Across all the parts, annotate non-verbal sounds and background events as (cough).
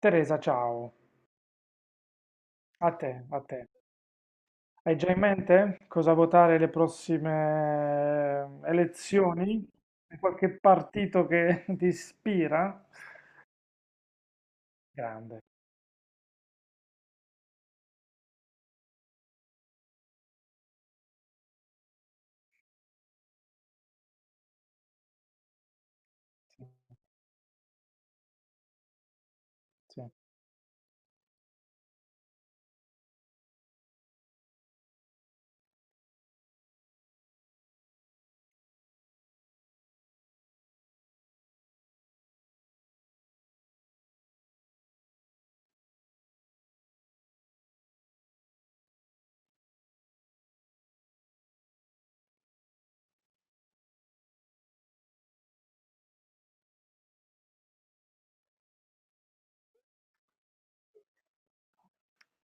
Teresa, ciao. A te, a te. Hai già in mente cosa votare le prossime elezioni? C'è qualche partito che (laughs) ti ispira? Grande, sì, sì.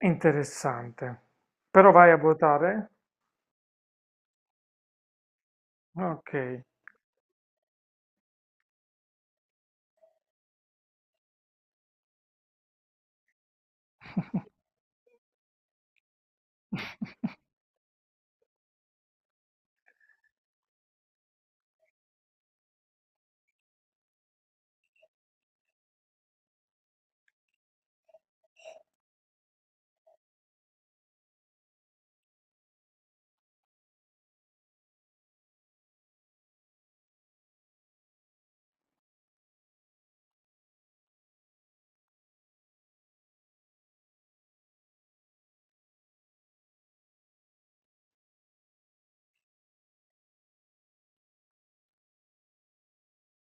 Interessante. Però vai a votare? Ok. (laughs)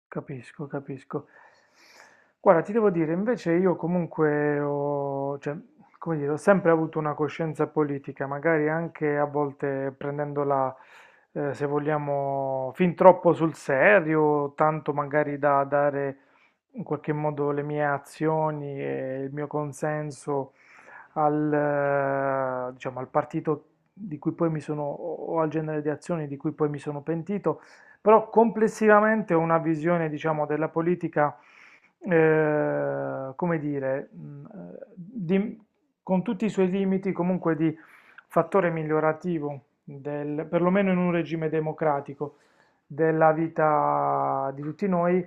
Capisco, capisco. Guarda, ti devo dire, invece io comunque ho, cioè, come dire, ho sempre avuto una coscienza politica, magari anche a volte prendendola, se vogliamo, fin troppo sul serio, tanto magari da dare in qualche modo le mie azioni e il mio consenso al, diciamo, al partito di cui poi mi sono, o al genere di azioni di cui poi mi sono pentito. Però complessivamente ho una visione, diciamo, della politica, eh, come dire, mh, eh, di- con tutti i suoi limiti, comunque di fattore migliorativo, del, perlomeno in un regime democratico, della vita di tutti noi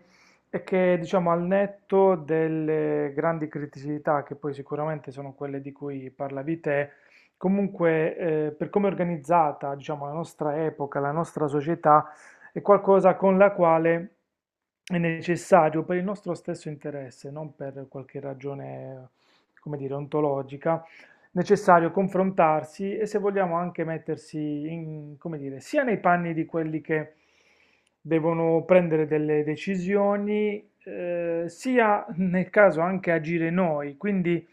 e che, diciamo, al netto delle grandi criticità, che poi sicuramente sono quelle di cui parlavi te, comunque per come è organizzata, diciamo, la nostra epoca, la nostra società, è qualcosa con la quale è necessario per il nostro stesso interesse, non per qualche ragione, come dire, ontologica, necessario confrontarsi e se vogliamo anche mettersi in, come dire, sia nei panni di quelli che devono prendere delle decisioni, sia nel caso anche agire noi. Quindi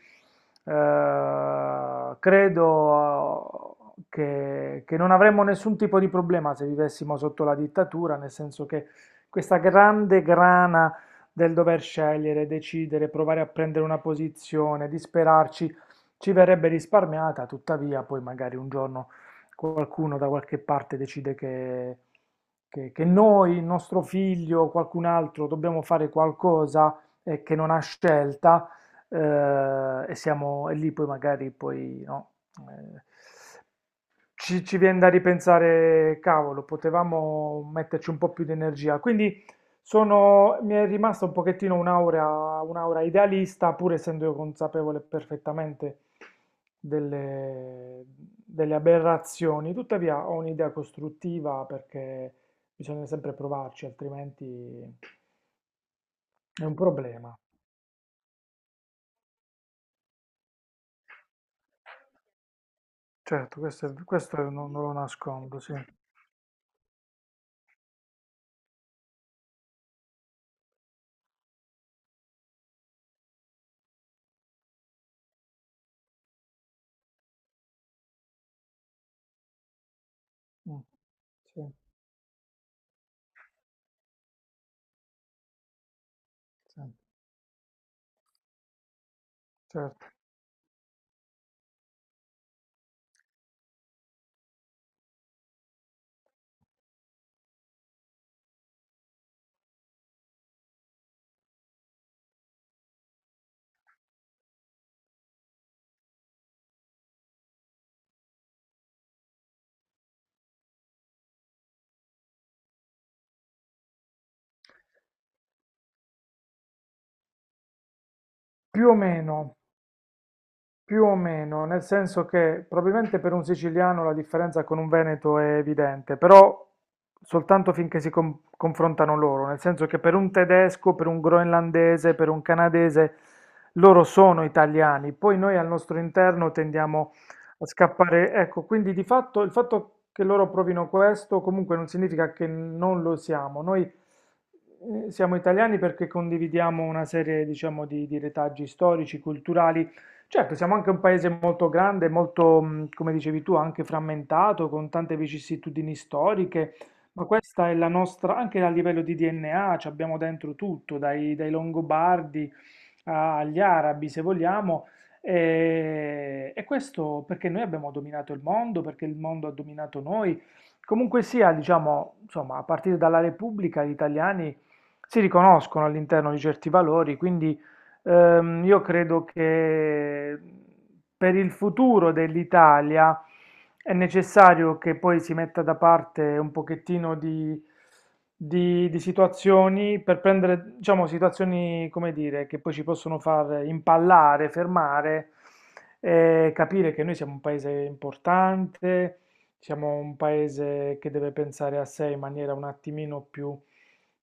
credo che non avremmo nessun tipo di problema se vivessimo sotto la dittatura, nel senso che questa grande grana del dover scegliere, decidere, provare a prendere una posizione, disperarci, ci verrebbe risparmiata, tuttavia poi magari un giorno qualcuno da qualche parte decide che, che noi, il nostro figlio o qualcun altro dobbiamo fare qualcosa che non ha scelta e siamo e lì poi magari poi no, eh, ci, ci viene da ripensare, cavolo, potevamo metterci un po' più di energia. Quindi sono, mi è rimasta un pochettino un'aura, un'aura idealista, pur essendo io consapevole perfettamente delle, delle aberrazioni. Tuttavia ho un'idea costruttiva perché bisogna sempre provarci, altrimenti è un problema. Certo, questo, questo non, non lo nascondo, sì. Mm, sì, sì, certo. Più o meno. Più o meno, nel senso che probabilmente per un siciliano la differenza con un veneto è evidente, però soltanto finché si confrontano loro, nel senso che per un tedesco, per un groenlandese, per un canadese, loro sono italiani, poi noi al nostro interno tendiamo a scappare. Ecco, quindi di fatto il fatto che loro provino questo comunque non significa che non lo siamo. Noi siamo italiani perché condividiamo una serie, diciamo, di retaggi storici, culturali. Certo, siamo anche un paese molto grande, molto, come dicevi tu, anche frammentato, con tante vicissitudini storiche, ma questa è la nostra, anche a livello di DNA, ci abbiamo dentro tutto, dai, dai Longobardi agli arabi, se vogliamo, e questo perché noi abbiamo dominato il mondo, perché il mondo ha dominato noi. Comunque sia, diciamo, insomma, a partire dalla Repubblica, gli italiani si riconoscono all'interno di certi valori, quindi io credo che per il futuro dell'Italia è necessario che poi si metta da parte un pochettino di, di situazioni per prendere, diciamo, situazioni, come dire, che poi ci possono far impallare, fermare, capire che noi siamo un paese importante, siamo un paese che deve pensare a sé in maniera un attimino più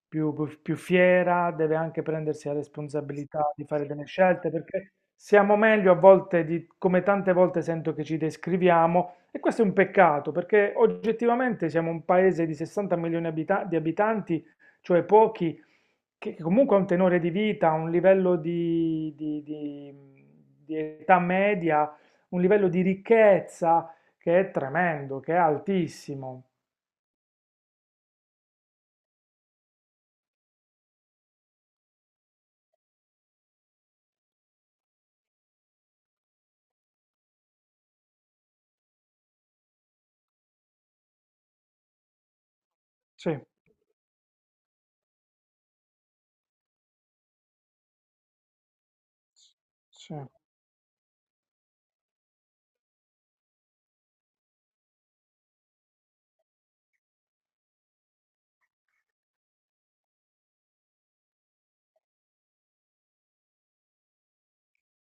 più, più fiera, deve anche prendersi la responsabilità di fare delle scelte, perché siamo meglio a volte di come tante volte sento che ci descriviamo e questo è un peccato perché oggettivamente siamo un paese di 60 milioni di abitanti, cioè pochi, che comunque ha un tenore di vita, un livello di, di età media, un livello di ricchezza che è tremendo, che è altissimo. Sì, sì,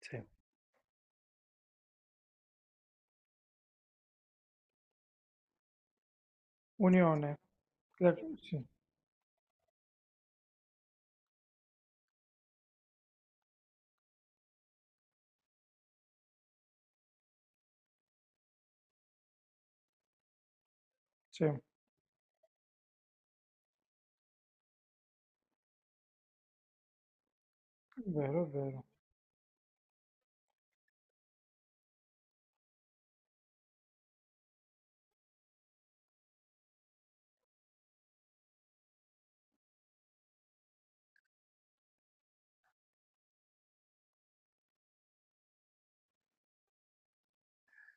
sì. Unione. Sì, sì, è vero, è vero.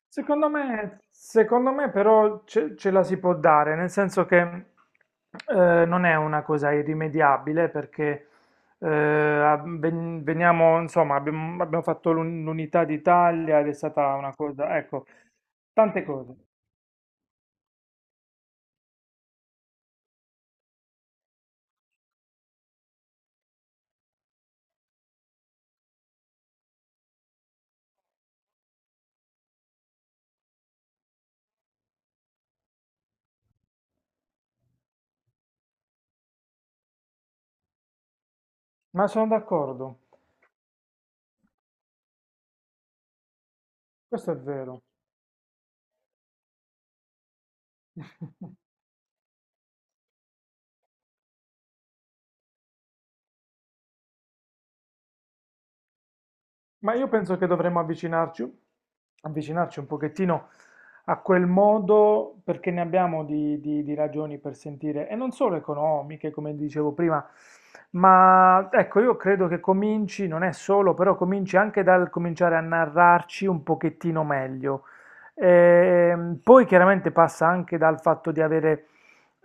Secondo me però ce, ce la si può dare, nel senso che non è una cosa irrimediabile perché veniamo, insomma, abbiamo, abbiamo fatto l'unità d'Italia ed è stata una cosa, ecco, tante cose, ma sono d'accordo, questo è vero. (laughs) Ma io penso che dovremmo avvicinarci, avvicinarci un pochettino a quel modo perché ne abbiamo di, di ragioni per sentire, e non solo economiche, come dicevo prima, ma ecco, io credo che cominci, non è solo, però cominci anche dal cominciare a narrarci un pochettino meglio. Poi chiaramente passa anche dal fatto di avere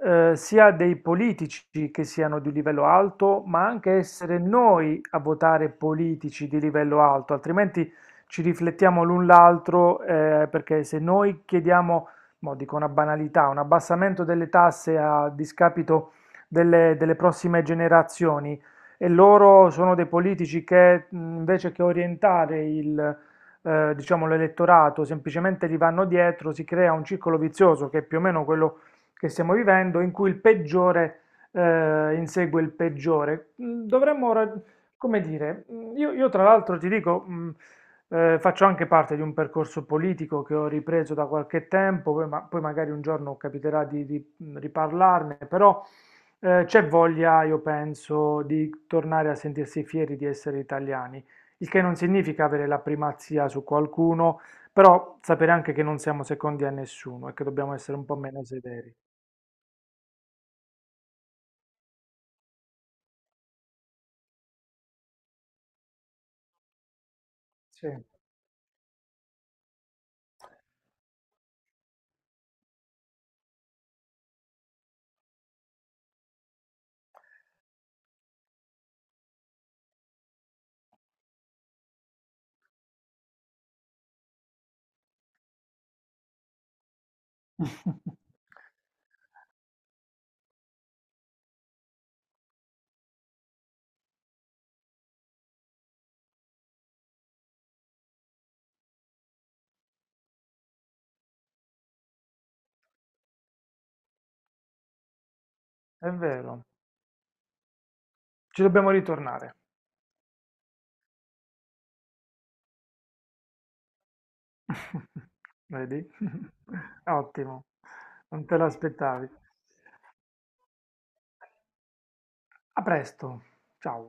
sia dei politici che siano di livello alto, ma anche essere noi a votare politici di livello alto, altrimenti ci riflettiamo l'un l'altro, perché se noi chiediamo, mo dico una banalità, un abbassamento delle tasse a discapito delle, delle prossime generazioni e loro sono dei politici che invece che orientare il diciamo l'elettorato, semplicemente gli vanno dietro, si crea un circolo vizioso che è più o meno quello che stiamo vivendo, in cui il peggiore insegue il peggiore. Dovremmo, come dire, io tra l'altro ti dico, faccio anche parte di un percorso politico che ho ripreso da qualche tempo, poi, poi magari un giorno capiterà di, riparlarne, però c'è voglia, io penso, di tornare a sentirsi fieri di essere italiani, il che non significa avere la primazia su qualcuno, però sapere anche che non siamo secondi a nessuno e che dobbiamo essere un po' meno severi. Sì, (laughs) è vero, ci dobbiamo ritornare. (laughs) Vedi? (laughs) Ottimo, non te l'aspettavi. A presto, ciao.